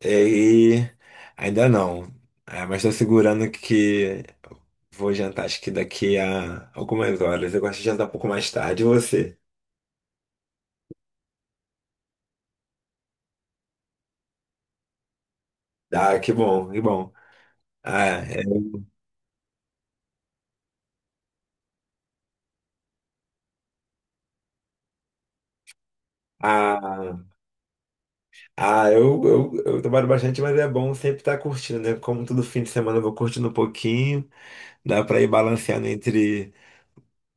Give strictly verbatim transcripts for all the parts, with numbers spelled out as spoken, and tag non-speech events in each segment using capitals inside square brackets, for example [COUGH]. É, e ainda não. É, mas estou segurando que vou jantar, acho que daqui a algumas horas. Eu gosto de jantar um pouco mais tarde. E você? Ah, que bom, que bom. Ah, é, ah, ah eu, eu, eu trabalho bastante, mas é bom sempre estar curtindo, né? Como todo fim de semana eu vou curtindo um pouquinho, dá para ir balanceando entre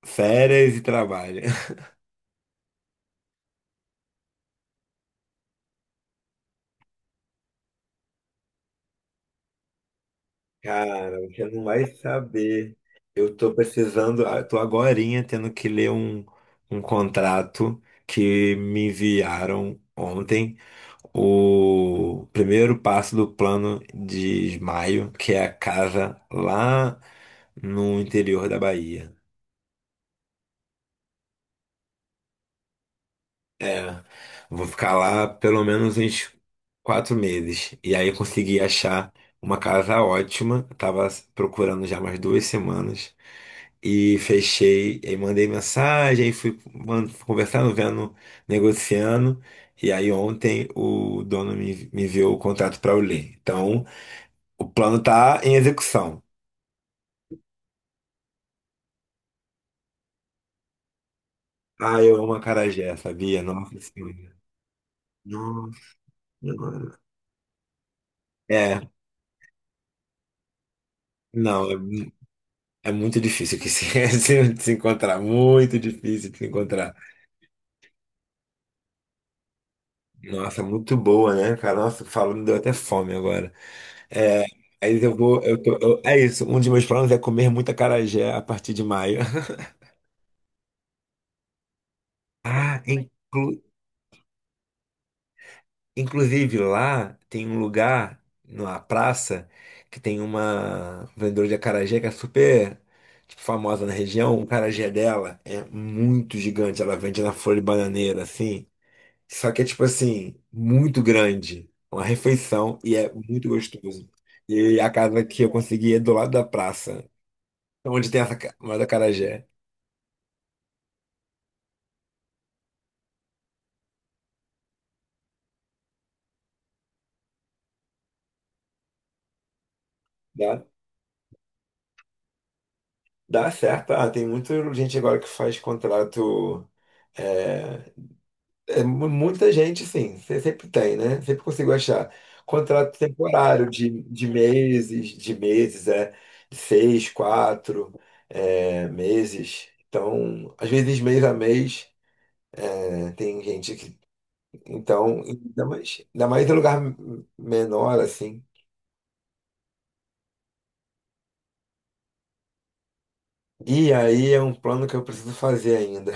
férias e trabalho. Cara, você não vai saber. Eu tô precisando, ah, eu tô agorinha tendo que ler um, um contrato que me enviaram ontem. O primeiro passo do plano de Ismaio, que é a casa lá no interior da Bahia. É, vou ficar lá pelo menos uns quatro meses. E aí eu consegui achar uma casa ótima. Tava procurando já mais duas semanas. E fechei, e mandei mensagem, aí fui man- conversando, vendo, negociando. E aí ontem o dono me, me enviou o contrato para eu ler. Então, o plano tá em execução. Ah, eu amo acarajé, sabia? Nossa senhora. Nossa senhora. É, não, é É muito difícil que se, [LAUGHS] se se encontrar, muito difícil de se encontrar. Nossa, muito boa, né, cara? Nossa, falando, deu até fome agora. É, aí eu vou, eu tô, eu- é isso, um dos meus planos é comer muita acarajé a partir de maio. [LAUGHS] Ah, inclu- Inclusive lá tem um lugar, numa praça, que tem uma vendedora de acarajé que é super, tipo, famosa na região. O acarajé dela é muito gigante, ela vende na folha de bananeira, assim. Só que é tipo assim, muito grande. Uma refeição e é muito gostoso. E a casa que eu consegui é do lado da praça, onde tem essa ca- uma do acarajé. Dá, dá certo. Ah, tem muita gente agora que faz contrato. É, é mu- muita gente, sim. Você sempre tem, né? Sempre consigo achar. Contrato temporário de, de meses, de meses, é. De seis, quatro, é, meses. Então, às vezes mês a mês, né? Tem gente que... Então, ainda mais, ainda mais em lugar m- menor, assim. E aí é um plano que eu preciso fazer ainda.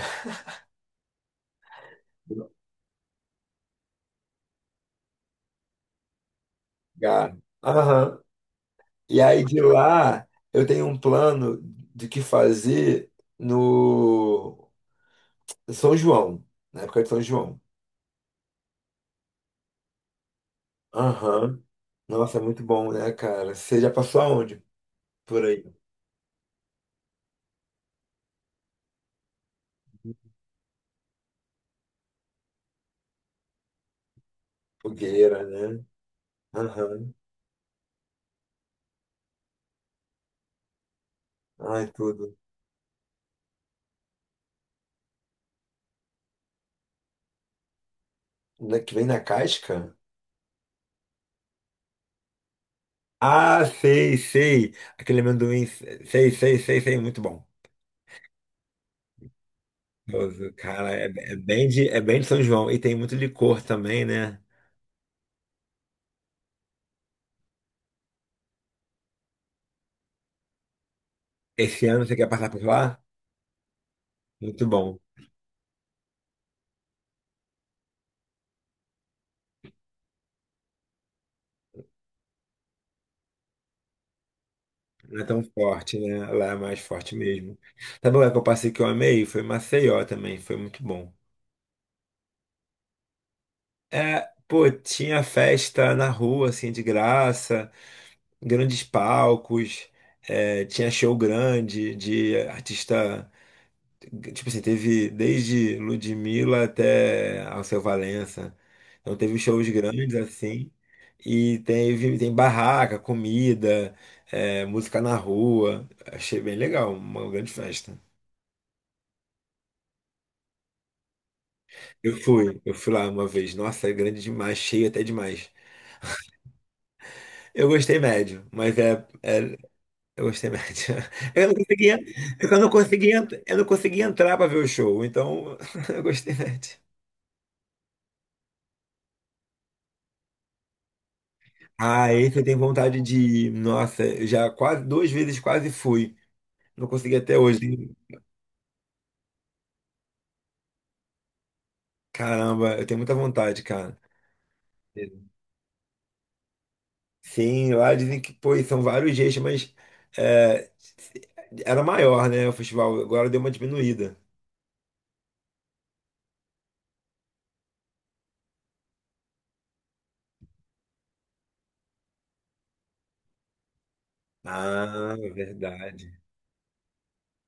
Lugar. Aham. E aí de lá, eu tenho um plano de que fazer no São João, na época de São João. Aham. Nossa, é muito bom, né, cara? Você já passou aonde? Por aí. Fogueira, né? Aham. Ai, tudo. Na- Que vem na casca? Ah, sei, sei. Aquele amendoim, sei, sei, sei, sei, muito bom. Gostoso. Cara, é, é bem de, é bem de São João. E tem muito licor também, né? Esse ano você quer passar por lá? Muito bom. Não é tão forte, né? Lá é mais forte mesmo. Sabe o lugar que eu passei que eu amei? Foi Maceió também, foi muito bom. É, pô, tinha festa na rua, assim, de graça, grandes palcos, é, tinha show grande de artista. Tipo assim, teve desde Ludmilla até Alceu Valença. Então teve shows grandes assim. E teve, tem barraca, comida, é, música na rua. Achei bem legal, uma grande festa. Eu fui, eu fui lá uma vez. Nossa, é grande demais, cheio até demais. Eu gostei médio, mas é, é- eu gostei médio. [LAUGHS] Eu não conseguia, eu não conseguia, eu não conseguia entrar pra ver o show, então [LAUGHS] eu gostei médio. Ah, esse eu tenho vontade de ir. Nossa, eu já quase duas vezes quase fui. Não consegui até hoje. Caramba, eu tenho muita vontade, cara. Sim, lá dizem que, pô, são vários jeitos, mas é, era maior, né, o festival. Agora deu uma diminuída. Ah, verdade.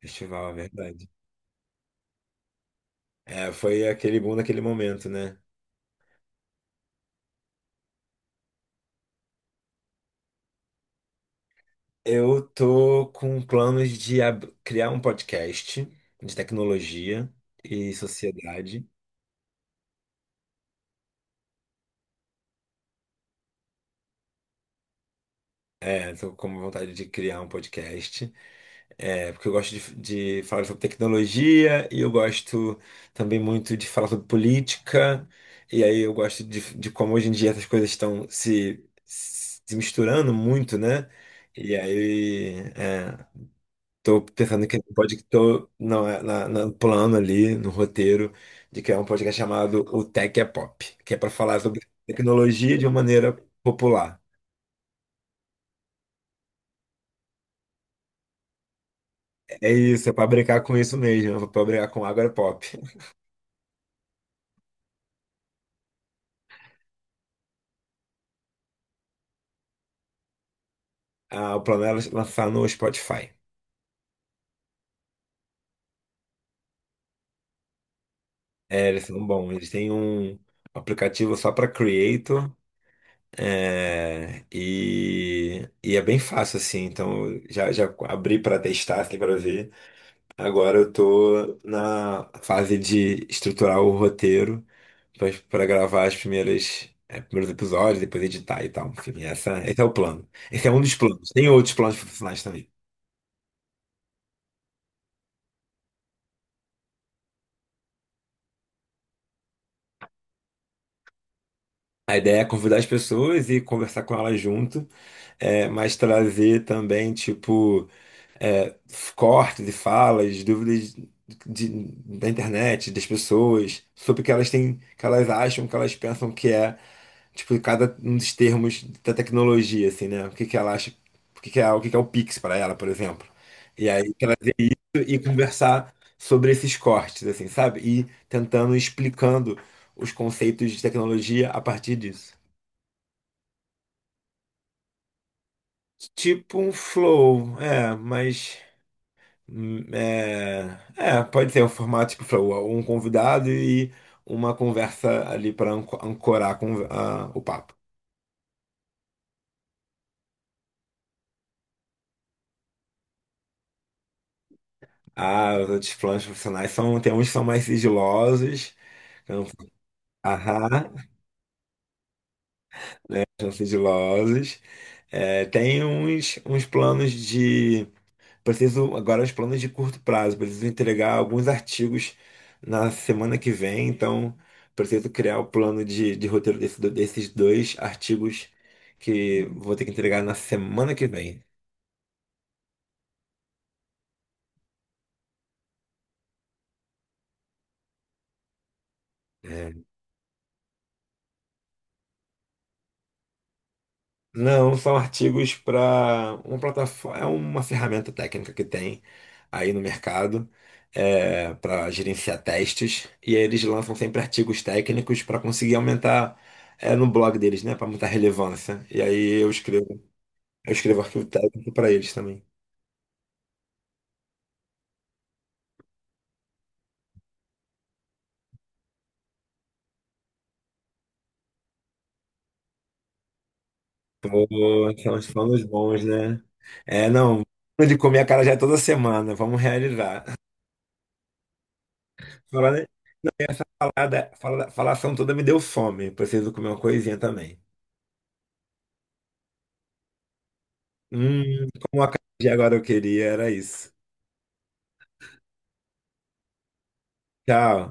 Festival, é verdade. É, foi aquele boom naquele momento, né? Eu tô com planos de ab- criar um podcast de tecnologia e sociedade. Estou com vontade de criar um podcast, é, porque eu gosto de, de falar sobre tecnologia e eu gosto também muito de falar sobre política. E aí eu gosto de, de como hoje em dia essas coisas estão se, se misturando muito, né? E aí estou pensando que pode... estou na, na, no plano ali, no roteiro, de criar um podcast chamado O Tech é Pop, que é para falar sobre tecnologia de uma maneira popular. É isso, é pra brincar com isso mesmo, é pra brincar com Agora é Pop. Ah, o plano era lançar no Spotify. É, eles são bons, eles têm um aplicativo só pra Creator, é, e, e é bem fácil assim, então eu já, já abri pra testar, assim, pra ver. Agora eu tô na fase de estruturar o roteiro pra pra gravar as primeiras. É, primeiros episódios, depois editar e tal. Enfim, essa, esse é o plano. Esse é um dos planos. Tem outros planos profissionais também. A ideia é convidar as pessoas e conversar com elas junto, é, mas trazer também, tipo, é, cortes e falas, dúvidas de- da internet, das pessoas, sobre o que elas têm, que elas acham, que elas pensam que é, tipo, cada um dos termos da tecnologia, assim, né? O que que ela acha, o que que é, o que que é o Pix para ela, por exemplo. E aí trazer isso e conversar sobre esses cortes, assim, sabe? E tentando explicando os conceitos de tecnologia a partir disso. Tipo um flow, é, mas hum, é, é, pode ser um formato tipo flow, um convidado e uma conversa ali para ancorar com, a- o papo. Ah, os outros planos profissionais são, tem uns que são mais sigilosos, que não- aham, são sigilosos. É, tem uns, uns planos de... Preciso agora os planos de curto prazo, preciso entregar alguns artigos na semana que vem, então preciso criar o plano de, de roteiro desse do- desses dois artigos que vou ter que entregar na semana que vem. É. Não, são artigos para uma plataforma, é uma ferramenta técnica que tem aí no mercado para gerenciar testes e aí eles lançam sempre artigos técnicos para conseguir aumentar é, no blog deles, né, para aumentar a relevância. E aí eu escrevo... Eu escrevo arquivo técnico para eles também. Pô, estamos falando bons, né? É, não. De comer a cara já é toda semana, vamos realizar. [LAUGHS] Falar, falar, da- Falar, falação toda me deu fome. Preciso comer uma coisinha também. Hum, como a cara de agora eu queria, era isso. Tchau.